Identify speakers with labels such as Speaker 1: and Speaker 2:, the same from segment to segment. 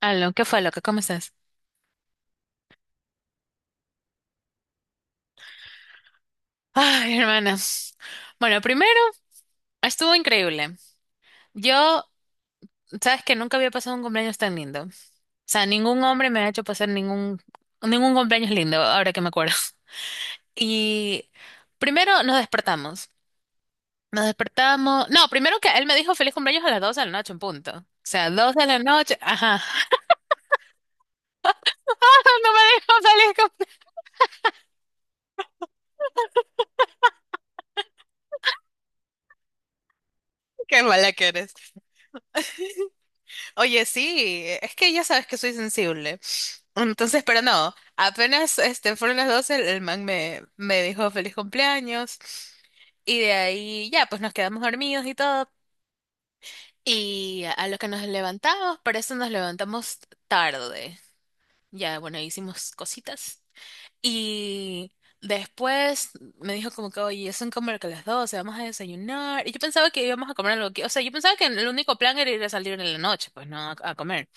Speaker 1: Aló, ¿qué fue, loca? ¿Cómo estás? Ay, hermana. Bueno, primero, estuvo increíble. Yo, sabes que nunca había pasado un cumpleaños tan lindo. O sea, ningún hombre me ha hecho pasar ningún cumpleaños lindo, ahora que me acuerdo. Y primero nos despertamos. Nos despertamos. No, primero que él me dijo feliz cumpleaños a las 12 de la noche, en punto. O sea, 2 de la noche. Ajá. No me dijo feliz cumpleaños. Qué mala que eres. Oye, sí, es que ya sabes que soy sensible. Entonces, pero no, apenas fueron las 12 el man me dijo feliz cumpleaños y de ahí ya, pues nos quedamos dormidos y todo. Y a lo que nos levantamos, para eso nos levantamos tarde. Ya, bueno, hicimos cositas. Y después me dijo como que, oye, son como que las 12, vamos a desayunar. Y yo pensaba que íbamos a comer algo que, o sea, yo pensaba que el único plan era ir a salir en la noche, pues no, a comer.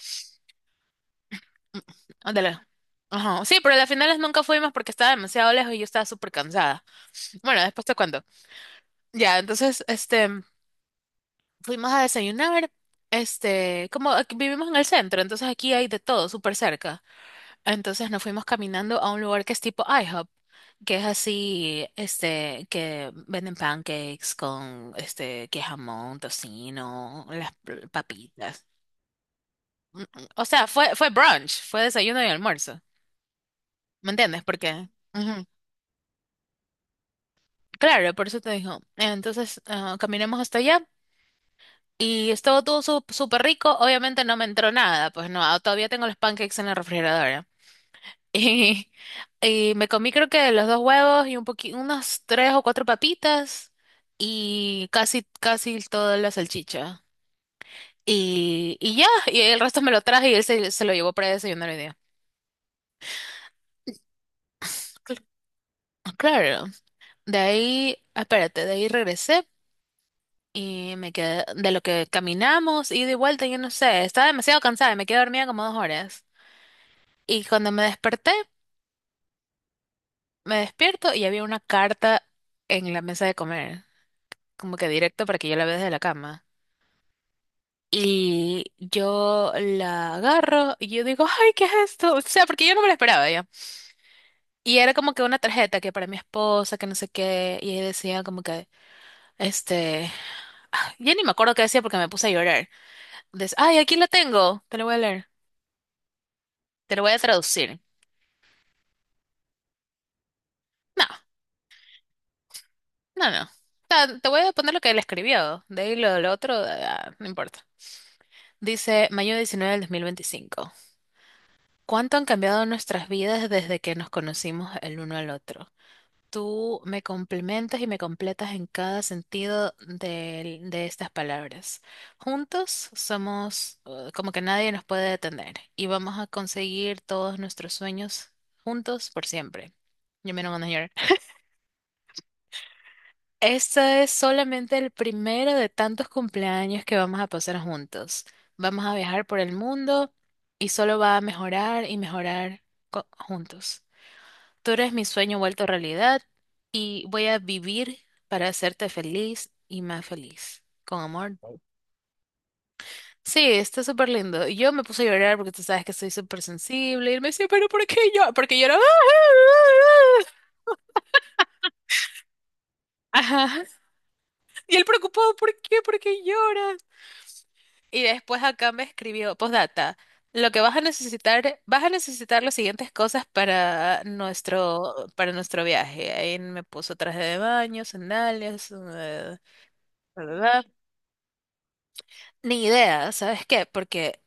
Speaker 1: Ándale. Ajá. Sí, pero a las finales nunca fuimos porque estaba demasiado lejos y yo estaba súper cansada. Bueno, después te cuento. Ya, entonces, fuimos a desayunar. Como aquí vivimos en el centro, entonces aquí hay de todo súper cerca. Entonces nos fuimos caminando a un lugar que es tipo IHOP, que es así, que venden pancakes con, que jamón, tocino, papitas. Mm, mm. O sea, fue brunch, fue desayuno y almuerzo. ¿Me entiendes? Porque... ¿qué? Claro, por eso te digo. Entonces, caminamos hasta allá y estuvo todo súper rico. Obviamente no me entró nada, pues no, todavía tengo los pancakes en la refrigeradora. Y, y me comí creo que los dos huevos y unas tres o cuatro papitas y casi, casi toda la salchicha. Y ya, y el resto me lo traje y él se lo llevó para desayunar hoy día. Cl- Claro, de ahí, espérate, de ahí regresé. Y me quedé, de lo que caminamos, ida y de vuelta, yo no sé, estaba demasiado cansada, y me quedé dormida como 2 horas. Y cuando me desperté, me despierto y había una carta en la mesa de comer, como que directo para que yo la vea desde la cama. Y yo la agarro y yo digo, ay, ¿qué es esto? O sea, porque yo no me la esperaba ya. Y era como que una tarjeta que para mi esposa, que no sé qué, y ahí decía como que, este, ya ni me acuerdo qué decía porque me puse a llorar. Entonces, ay, aquí la tengo, te lo voy a leer, te lo voy a traducir. No, no, no. Te voy a poner lo que él escribió. De ahí lo otro, no importa. Dice mayo 19 del 2025. ¿Cuánto han cambiado nuestras vidas desde que nos conocimos el uno al otro? Tú me complementas y me completas en cada sentido de, estas palabras. Juntos somos como que nadie nos puede detener y vamos a conseguir todos nuestros sueños juntos por siempre. Yo me lo mando. Este es solamente el primero de tantos cumpleaños que vamos a pasar juntos. Vamos a viajar por el mundo y solo va a mejorar y mejorar juntos. Tú eres mi sueño vuelto realidad y voy a vivir para hacerte feliz y más feliz. Con amor. Sí, está súper lindo. Y yo me puse a llorar porque tú sabes que soy súper sensible. Y él me decía, ¿pero por qué yo? Porque llora. Ajá. Y él preocupado, ¿por qué? ¿Por qué llora? Y después acá me escribió, postdata, lo que vas a necesitar las siguientes cosas para nuestro viaje. Ahí me puso traje de baño, sandalias, bla, bla, bla. Ni idea, ¿sabes qué? Porque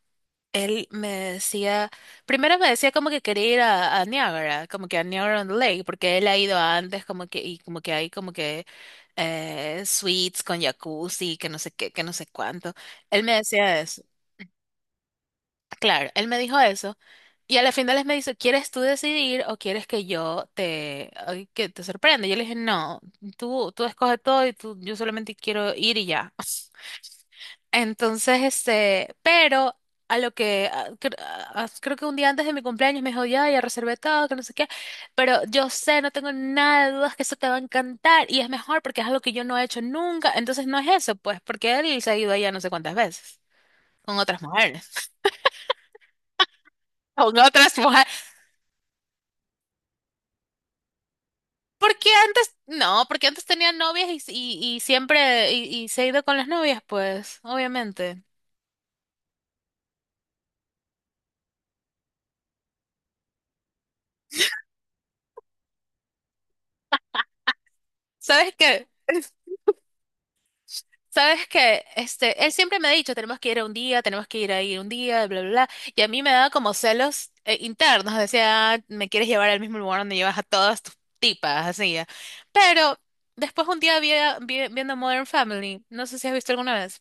Speaker 1: él me decía, primero me decía como que quería ir a Niagara, como que a Niagara on the Lake, porque él ha ido antes, como que, y como que hay como que suites con jacuzzi, que no sé qué, que no sé cuánto. Él me decía eso. Claro, él me dijo eso. Y a la final él me dice, ¿quieres tú decidir o quieres que yo te, ay, que te sorprenda? Yo le dije, no, tú escoges todo y tú, yo solamente quiero ir y ya. Entonces, pero a lo que, creo que un día antes de mi cumpleaños me dijo, ya, ya reservé todo, que no sé qué, pero yo sé, no tengo nada de dudas que eso te va a encantar y es mejor porque es algo que yo no he hecho nunca. Entonces no es eso, pues, porque él se ha ido allá no sé cuántas veces, con otras mujeres. Con otras mujeres. Porque antes, no, porque antes tenía novias y siempre, y se ha ido con las novias, pues, obviamente. ¿Sabes qué? ¿Sabes que él siempre me ha dicho, tenemos que ir a un día, tenemos que ir ahí un día, bla, bla, bla? Y a mí me daba como celos internos. Decía, "Ah, me quieres llevar al mismo lugar donde llevas a todas tus tipas, así. Ya". Pero después un día viendo Modern Family, no sé si has visto alguna vez.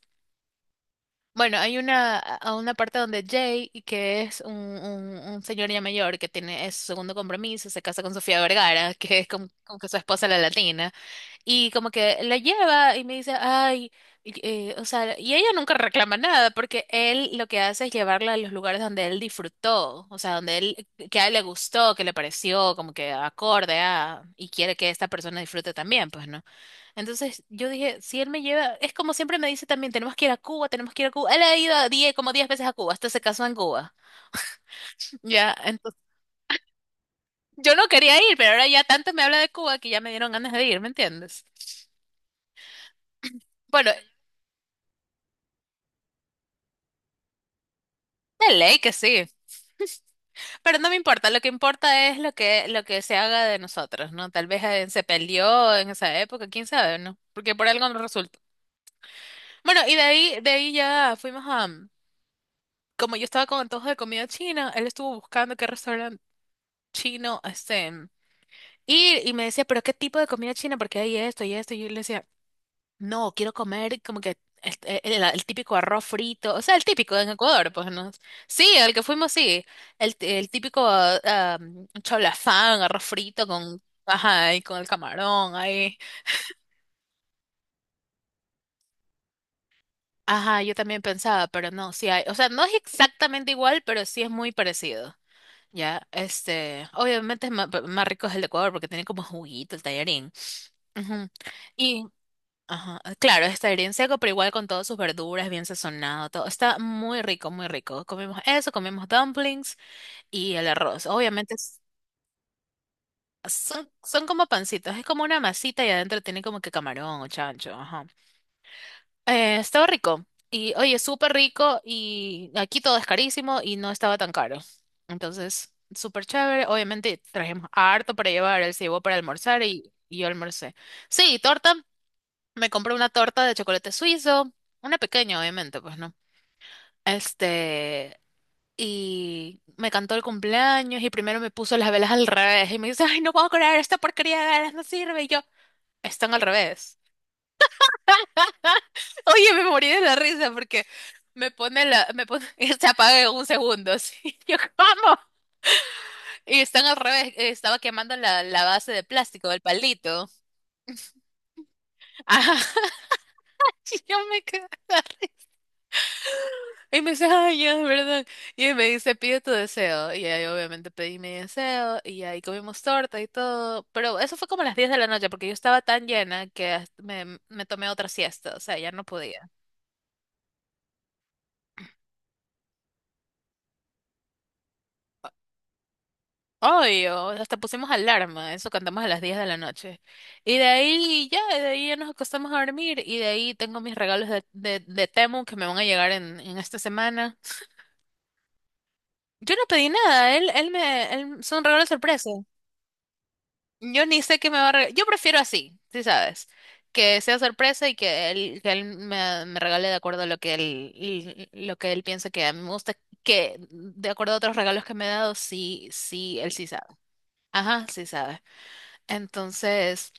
Speaker 1: Bueno, hay una, a una parte donde Jay, y que es un señor ya mayor que tiene es su segundo compromiso, se casa con Sofía Vergara, que es como, como que su esposa la latina, y como que la lleva y me dice, ay, o sea, y ella nunca reclama nada, porque él lo que hace es llevarla a los lugares donde él disfrutó, o sea, donde él, que a él le gustó, que le pareció como que acorde a, y quiere que esta persona disfrute también, pues, ¿no? Entonces yo dije, si él me lleva, es como siempre me dice también, tenemos que ir a Cuba, tenemos que ir a Cuba. Él ha ido a 10, como 10 veces a Cuba, hasta se casó en Cuba. Ya, entonces yo no quería ir, pero ahora ya tanto me habla de Cuba que ya me dieron ganas de ir, ¿me entiendes? Bueno, de ley que sí, pero no me importa, lo que importa es lo que se haga de nosotros, ¿no? Tal vez se peleó en esa época, quién sabe, ¿no? Porque por algo no resulta. Bueno, y de ahí ya fuimos a, como yo estaba con antojo de comida china, él estuvo buscando qué restaurante chino, este. Y me decía, pero ¿qué tipo de comida china? Porque hay esto y esto. Y yo le decía, no, quiero comer como que el típico arroz frito, o sea, el típico en Ecuador, pues no. Sí, al que fuimos, sí. El típico cholafán, arroz frito con, ajá, y con el camarón, ahí. Ajá, yo también pensaba, pero no, sí hay. O sea, no es exactamente igual, pero sí es muy parecido. Ya, obviamente es más, rico es el de Ecuador porque tiene como juguito el tallarín. Ujú. Ajá, ah, claro, está bien seco, pero igual con todas sus verduras, bien sazonado, todo. Está muy rico, muy rico. Comemos eso, comemos dumplings y el arroz. Obviamente son como pancitos, es como una masita y adentro tiene como que camarón o chancho. Ajá. Estaba rico. Y oye, súper rico y aquí todo es carísimo y no estaba tan caro. Entonces, súper chévere. Obviamente trajimos harto para llevar, él se llevó para almorzar y yo almorcé. Sí, torta. Me compré una torta de chocolate suizo, una pequeña, obviamente, pues no. Este, y me cantó el cumpleaños y primero me puso las velas al revés y me dice, ay, no puedo creer, esta porquería de velas no sirve. Y yo, están al revés. Oye, me morí de la risa porque me pone la, me pone, y se apaga en 1 segundo. Así. Yo, ¿cómo? Y están al revés, estaba quemando la base de plástico del palito. Ajá, y yo me quedé. Y me dice, ay, ya, ¿verdad? Y me dice, pide tu deseo. Y ahí obviamente pedí mi deseo y ahí comimos torta y todo. Pero eso fue como a las 10 de la noche porque yo estaba tan llena que hasta me tomé otra siesta. O sea, ya no podía. Obvio, hasta pusimos alarma. Eso cantamos a las 10 de la noche. Y de ahí ya nos acostamos a dormir. Y de ahí tengo mis regalos de Temu que me van a llegar en esta semana. Yo no pedí nada. Son regalos sorpresa. Yo ni sé qué me va a regalar. Yo prefiero así, sí sabes. Que sea sorpresa y que él, me regale de acuerdo a lo que él, y lo que él piensa que a mí me gusta. Que de acuerdo a otros regalos que me ha dado, sí, sí, él sí sabe. Ajá, sí sabe. Entonces,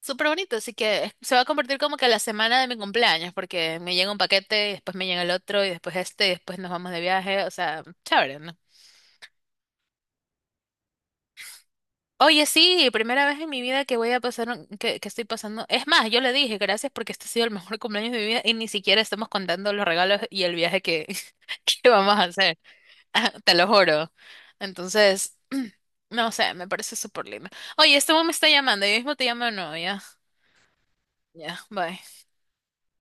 Speaker 1: súper bonito. Así que se va a convertir como que la semana de mi cumpleaños, porque me llega un paquete, y después me llega el otro, y después y después nos vamos de viaje. O sea, chévere, ¿no? Oye, sí, primera vez en mi vida que voy a pasar, que estoy pasando. Es más, yo le dije gracias porque este ha sido el mejor cumpleaños de mi vida y ni siquiera estamos contando los regalos y el viaje que, que vamos a hacer. Te lo juro. Entonces, no sé, me parece súper lindo. Oye, este hombre me está llamando, yo mismo te llamo de nuevo, ya. Ya, bye.